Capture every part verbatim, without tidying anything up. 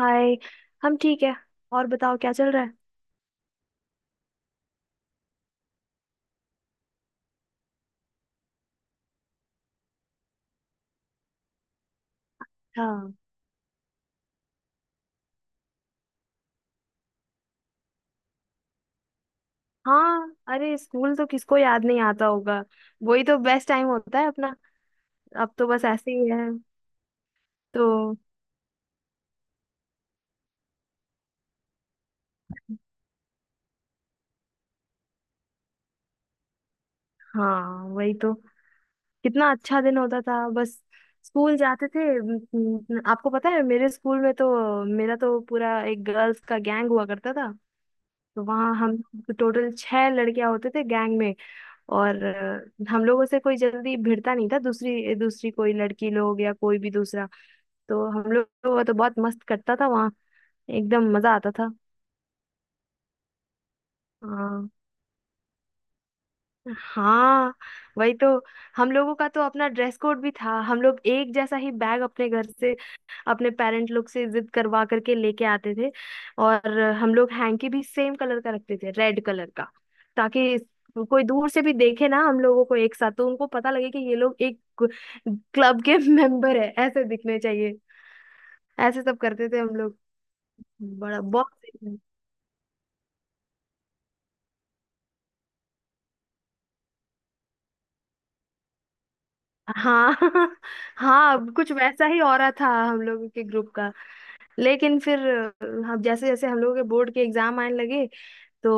हाय। हम ठीक है। और बताओ क्या चल रहा है। हाँ। हाँ, अरे स्कूल तो किसको याद नहीं आता होगा। वही तो बेस्ट टाइम होता है अपना। अब तो बस ऐसे ही है। तो हाँ, वही तो। कितना अच्छा दिन होता था, बस स्कूल जाते थे। म, म, आपको पता है, मेरे स्कूल में तो मेरा तो पूरा एक गर्ल्स का गैंग हुआ करता था। तो वहाँ हम टोटल छह लड़कियां होते थे गैंग में। और अ, हम लोगों से कोई जल्दी भिड़ता नहीं था, दूसरी दूसरी कोई लड़की लोग या कोई भी दूसरा। तो हम लोग, वो तो बहुत मस्त करता था वहाँ। एकदम मजा आता था। हाँ। हाँ, वही तो। हम लोगों का तो अपना ड्रेस कोड भी था। हम लोग एक जैसा ही बैग अपने घर से, अपने पेरेंट लोग से जिद करवा करके लेके आते थे। और हम लोग हैंकी भी सेम कलर का रखते थे, रेड कलर का, ताकि कोई दूर से भी देखे ना हम लोगों को एक साथ, तो उनको पता लगे कि ये लोग एक क्लब के मेंबर है, ऐसे दिखने चाहिए। ऐसे सब करते थे हम लोग। बड़ा बहुत। हाँ। हाँ, अब कुछ वैसा ही हो रहा था हम लोगों के ग्रुप का। लेकिन फिर हम जैसे जैसे हम लोगों के बोर्ड के एग्जाम आने लगे, तो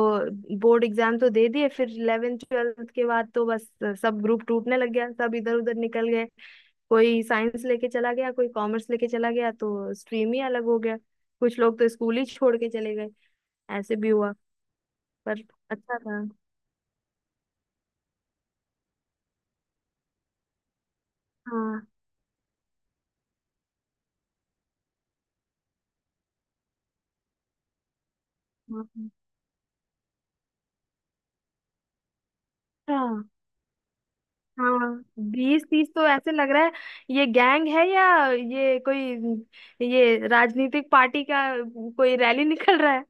बोर्ड एग्जाम तो दे दिए, फिर इलेवंथ ट्वेल्थ के बाद तो बस सब ग्रुप टूटने लग गया, सब इधर उधर निकल गए। कोई साइंस लेके चला गया, कोई कॉमर्स लेके चला गया, तो स्ट्रीम ही अलग हो गया। कुछ लोग तो स्कूल ही छोड़ के चले गए, ऐसे भी हुआ। पर अच्छा था। हाँ। हाँ। हाँ। हाँ, बीस तीस तो ऐसे लग रहा है, ये गैंग है या ये कोई, ये राजनीतिक पार्टी का कोई रैली निकल रहा है।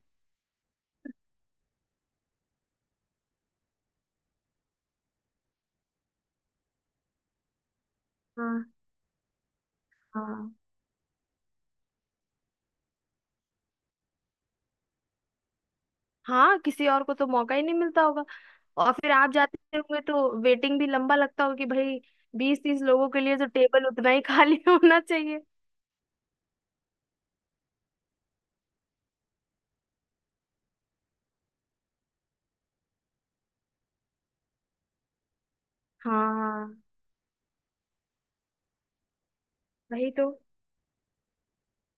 हाँ। हाँ। हाँ, किसी और को तो मौका ही नहीं मिलता होगा। और फिर आप जाते होंगे तो वेटिंग भी लंबा लगता होगा, कि भाई बीस तीस लोगों के लिए तो टेबल उतना ही खाली होना चाहिए। हाँ, वही तो।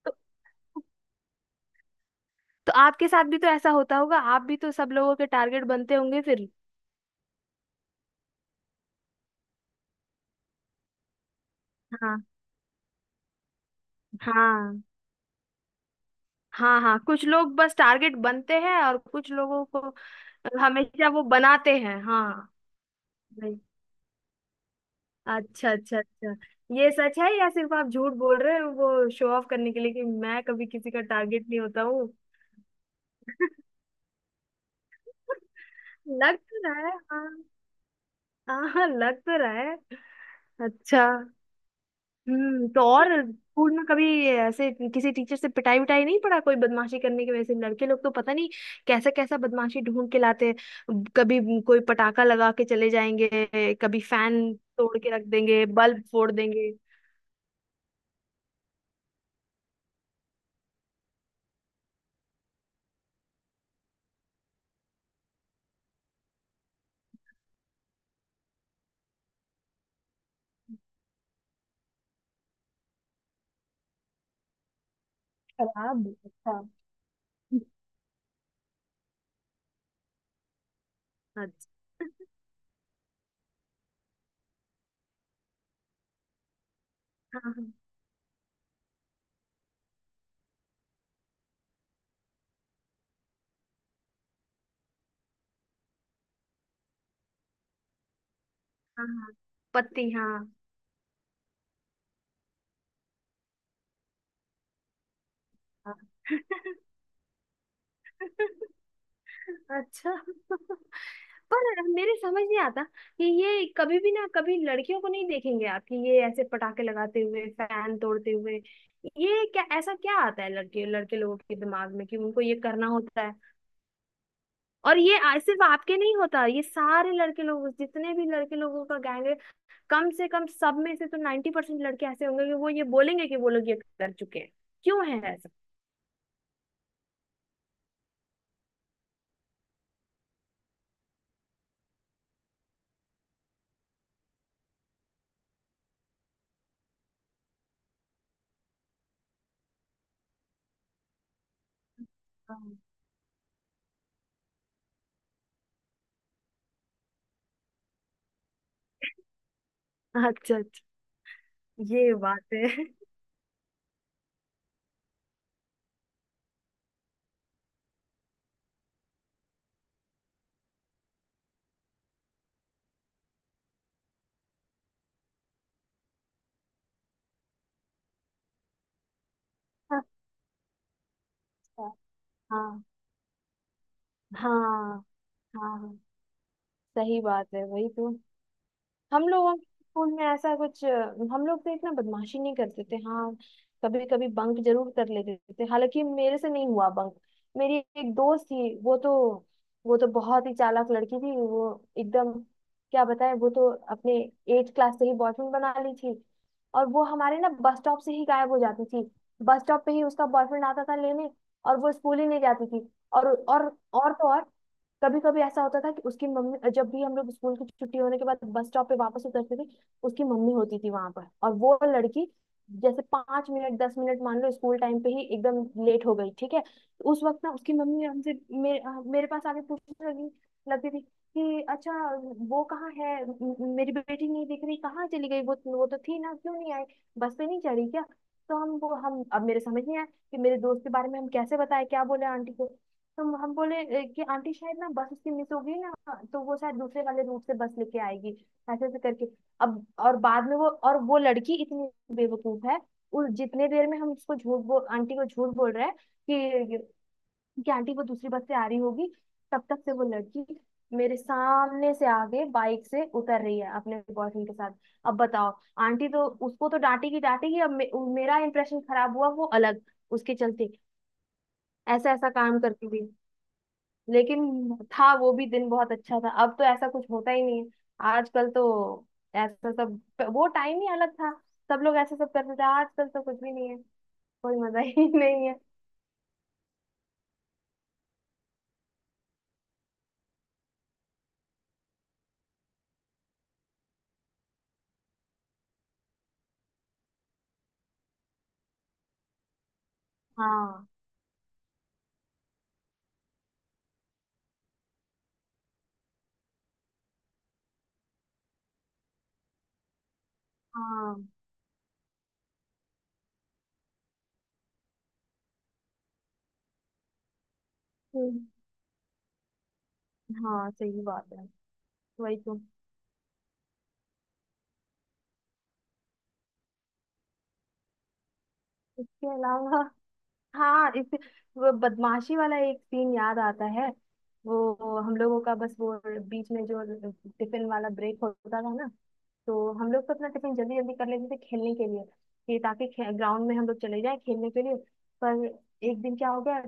तो, तो आपके साथ भी तो ऐसा होता होगा, आप भी तो सब लोगों के टारगेट बनते होंगे फिर। हाँ। हाँ। हाँ। हाँ, कुछ लोग बस टारगेट बनते हैं, और कुछ लोगों को हमेशा वो बनाते हैं। हाँ। नहीं। अच्छा, अच्छा, अच्छा। ये सच है या सिर्फ आप झूठ बोल रहे हो, वो शो ऑफ करने के लिए कि मैं कभी किसी का टारगेट नहीं होता हूँ? लग तो रहा है, हाँ। हाँ। हाँ, लग तो रहा है। अच्छा। हम्म तो और स्कूल में कभी ऐसे किसी टीचर से पिटाई विटाई नहीं पड़ा, कोई बदमाशी करने की वजह से? लड़के लोग तो पता नहीं कैसा कैसा बदमाशी ढूंढ के लाते हैं। कभी कोई पटाखा लगा के चले जाएंगे, कभी फैन तोड़ के रख देंगे, बल्ब फोड़ देंगे। शराब? अच्छा। अच्छा। हाँ। हाँ। हाँ। हाँ, पत्ती। हाँ। हाँ। अच्छा। पर मेरे समझ नहीं आता कि ये कभी भी, ना कभी लड़कियों को नहीं देखेंगे आप कि ये ऐसे पटाखे लगाते हुए, फैन तोड़ते हुए। ये क्या, ऐसा क्या आता है लड़के लड़के लोगों के दिमाग में कि उनको ये करना होता है? और ये आ- सिर्फ आपके नहीं होता, ये सारे लड़के लोग, जितने भी लड़के लोगों का गैंग है, कम से कम सब में से तो नाइन्टी परसेंट लड़के ऐसे होंगे कि वो ये बोलेंगे कि वो लोग ये कर चुके हैं। क्यों है ऐसा? हाँ, अच्छा अच्छा, ये बात है। अच्छा। हाँ। हाँ। हाँ। हाँ, सही बात है, वही तो। हम लोगों के स्कूल में ऐसा कुछ, हम लोग तो इतना बदमाशी नहीं करते थे। हाँ, कभी कभी बंक जरूर कर लेते थे, हालांकि मेरे से नहीं हुआ बंक। मेरी एक दोस्त थी, वो तो वो तो बहुत ही चालाक लड़की थी, वो एकदम, क्या बताएं, वो तो अपने एट क्लास से ही बॉयफ्रेंड बना ली थी। और वो हमारे ना बस स्टॉप से ही गायब हो जाती थी, बस स्टॉप पे ही उसका बॉयफ्रेंड आता था लेने, और वो स्कूल ही नहीं जाती थी। और और और तो और, कभी कभी ऐसा होता था कि उसकी मम्मी, जब भी हम लोग स्कूल की छुट्टी होने के बाद बस स्टॉप पे वापस उतरते थे, उसकी मम्मी होती थी वहां पर। और वो लड़की जैसे पांच मिनट दस मिनट, मान लो स्कूल टाइम पे ही एकदम लेट हो गई, ठीक है, तो उस वक्त ना उसकी मम्मी हमसे, मेरे अ, मेरे पास आके पूछने लगी, लगती थी, कि अच्छा, वो कहाँ है? म- म- मेरी बेटी नहीं दिख रही, कहाँ चली गई, वो वो तो थी ना, क्यों नहीं आई? बस पे नहीं चढ़ी क्या? तो हम वो हम अब मेरे समझ नहीं आया कि मेरे दोस्त के बारे में हम कैसे बताएं, क्या बोले आंटी को। तो हम बोले ए, कि आंटी शायद ना बस उसकी मिस हो गई ना, तो वो शायद दूसरे वाले रूट से बस लेके आएगी, ऐसे ऐसे करके। अब और बाद में, वो और वो लड़की इतनी बेवकूफ है, उस जितने देर में हम उसको झूठ बोल, आंटी को झूठ बोल रहे हैं कि कि आंटी वो दूसरी बस से आ रही होगी, तब तक से वो लड़की मेरे सामने से आगे बाइक से उतर रही है अपने बॉयफ्रेंड के साथ। अब बताओ। आंटी तो उसको तो डांटेगी डांटेगी, अब मे, मेरा इंप्रेशन खराब हुआ वो अलग, उसके चलते ऐसा ऐसा काम करती हुई। लेकिन था, वो भी दिन बहुत अच्छा था। अब तो ऐसा कुछ होता ही नहीं है, आजकल तो ऐसा सब, वो टाइम ही अलग था। सब लोग ऐसा सब करते थे, आजकल तो कुछ भी नहीं है। कोई मजा ही नहीं है। हाँ। हाँ। हम्म, हाँ, सही बात है, वही तो। इसके अलावा हाँ, इस वो बदमाशी वाला एक सीन याद आता है। वो हम लोगों का, बस वो बीच में जो टिफिन वाला ब्रेक होता था ना, तो हम लोग तो अपना टिफिन जल्दी जल्दी कर लेते थे खेलने के लिए, कि ताकि ग्राउंड में हम लोग चले जाए खेलने के लिए। पर एक दिन क्या हो गया,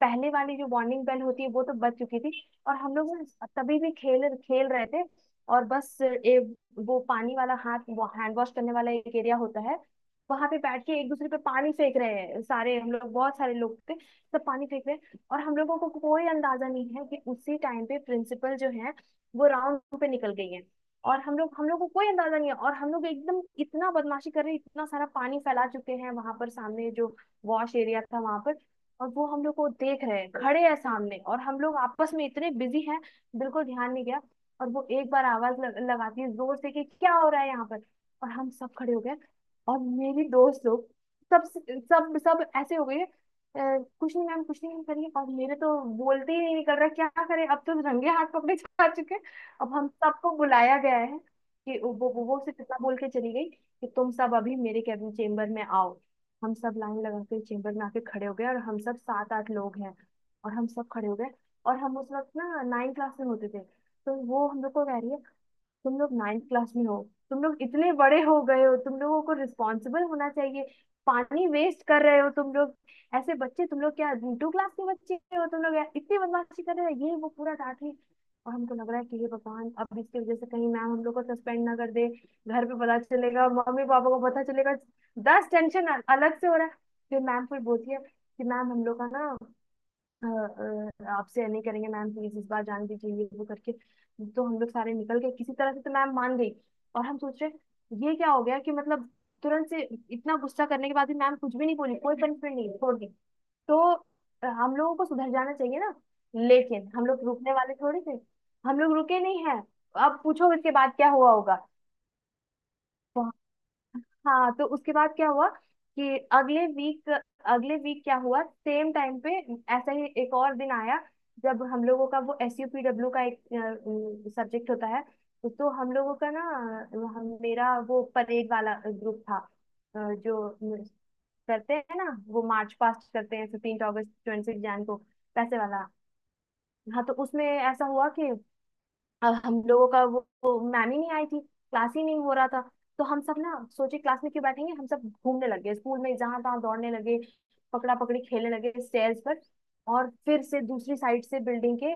पहले वाली जो वार्निंग बेल होती है वो तो बज चुकी थी, और हम लोग ना तभी भी खेल खेल रहे थे। और बस ए, वो पानी वाला हाथ हैंड वॉश करने वाला एक एरिया होता है, वहां पे बैठ के एक दूसरे पे पानी फेंक रहे हैं सारे, हम लोग बहुत सारे लोग थे। सब पानी फेंक रहे हैं और हम लोगों को कोई अंदाजा नहीं है कि उसी टाइम पे प्रिंसिपल जो है, वो राउंड पे निकल गई है। और हम लोग हम लोग को कोई अंदाजा नहीं है, और हम लोग एकदम इतना बदमाशी कर रहे हैं, इतना सारा पानी फैला चुके हैं वहां पर सामने जो वॉश एरिया था वहां पर। और वो हम लोग को देख रहे हैं, खड़े हैं सामने, और हम लोग आपस में इतने बिजी हैं, बिल्कुल ध्यान नहीं गया। और वो एक बार आवाज लग, लगाती है जोर से, कि क्या हो रहा है यहाँ पर? और हम सब खड़े हो गए, और मेरी दोस्त लोग सब सब सब ऐसे हो गए, "अ, कुछ नहीं मैम, कुछ नहीं मैम" करिए, और मेरे तो बोलते ही नहीं निकल रहा, क्या करें, अब तो रंगे हाथ पकड़े जा चुके। अब हम सबको बुलाया गया है कि वो वो वो सिर्फ इतना बोल के चली गई कि तुम सब अभी मेरे कैबिन चेम्बर में आओ। हम सब लाइन लगा के चेम्बर में आके खड़े हो गए, और हम सब सात आठ लोग हैं, और हम सब खड़े हो गए। और हम उस वक्त ना नाइन क्लास में होते थे, तो वो हम लोग को कह रही है, तुम लोग नाइन्थ क्लास में हो, तुम लोग इतने बड़े हो गए हो, तुम लोगों को रिस्पॉन्सिबल होना चाहिए, पानी वेस्ट कर रहे हो तुम लोग, ऐसे बच्चे तुम लोग, क्या टू क्लास के बच्चे हो तुम लोग, इतनी बदमाशी कर रहे हो, ये वो पूरा डांट रही। और हमको लग रहा है कि हे भगवान, अब इसकी वजह से कहीं मैम हम लोग को सस्पेंड ना कर दे, घर पे पता चलेगा, मम्मी पापा को पता चलेगा, दस टेंशन अलग से हो रहा है। फिर मैम फिर बोलती है, कि मैम हम लोग का ना अ, अ, आपसे नहीं करेंगे मैम, प्लीज इस बार जाने दीजिए, ये वो करके। तो हम लोग सारे निकल गए किसी तरह से, तो मैम मान गई। और हम सोच रहे ये क्या हो गया, कि मतलब तुरंत से इतना गुस्सा करने के बाद भी मैम कुछ भी नहीं बोली, कोई पनिशमेंट नहीं छोड़ दी। तो अ, हम लोगों को सुधर जाना चाहिए ना, लेकिन हम लोग रुकने वाले थोड़ी थे। हम लोग रुके नहीं हैं। अब पूछो इसके बाद क्या हुआ होगा। हाँ, तो उसके बाद क्या हुआ कि अगले वीक अगले वीक क्या हुआ सेम टाइम पे, ऐसा ही एक और दिन आया। जब हम लोगों का वो एस यू पी डब्ल्यू का एक सब्जेक्ट होता है, तो हम लोगों का ना, हम मेरा वो परेड वाला ग्रुप था, अ, जो करते हैं ना, वो मार्च पास्ट करते हैं फिफ्टीन अगस्त, ट्वेंटी सिक्स जैन को, पैसे वाला। हाँ, तो उसमें ऐसा हुआ कि अब हम लोगों का वो, वो मैम ही नहीं आई थी, क्लास ही नहीं हो रहा था। तो हम सब ना सोचे क्लास में क्यों बैठेंगे, हम सब घूमने लगे स्कूल में, जहां तहां दौड़ने लगे, पकड़ा पकड़ी खेलने लगे स्टेयर्स पर, और फिर से दूसरी साइड से बिल्डिंग के,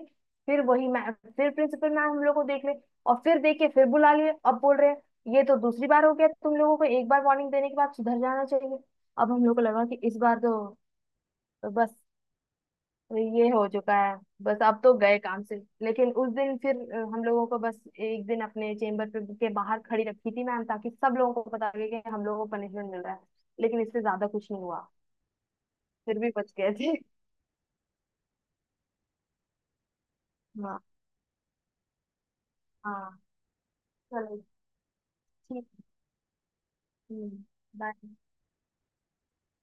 फिर वही मैम, फिर प्रिंसिपल मैम हम लोग को देख ले, और फिर देख के फिर बुला लिए। अब बोल रहे हैं ये तो दूसरी बार हो गया, तुम लोगों को एक बार वार्निंग देने के बाद सुधर जाना चाहिए। अब हम लोग को लगा कि इस बार तो बस, तो ये हो चुका है, बस अब तो गए काम से। लेकिन उस दिन फिर अ, हम लोगों को बस एक दिन अपने चेम्बर पे के बाहर खड़ी रखी थी मैम, ताकि सब लोगों को पता लगे कि हम लोगों को पनिशमेंट मिल रहा है, लेकिन इससे ज्यादा कुछ नहीं हुआ। फिर भी बच गए थे। हाँ। हाँ। चलो। ठीक। हम्म। बाय।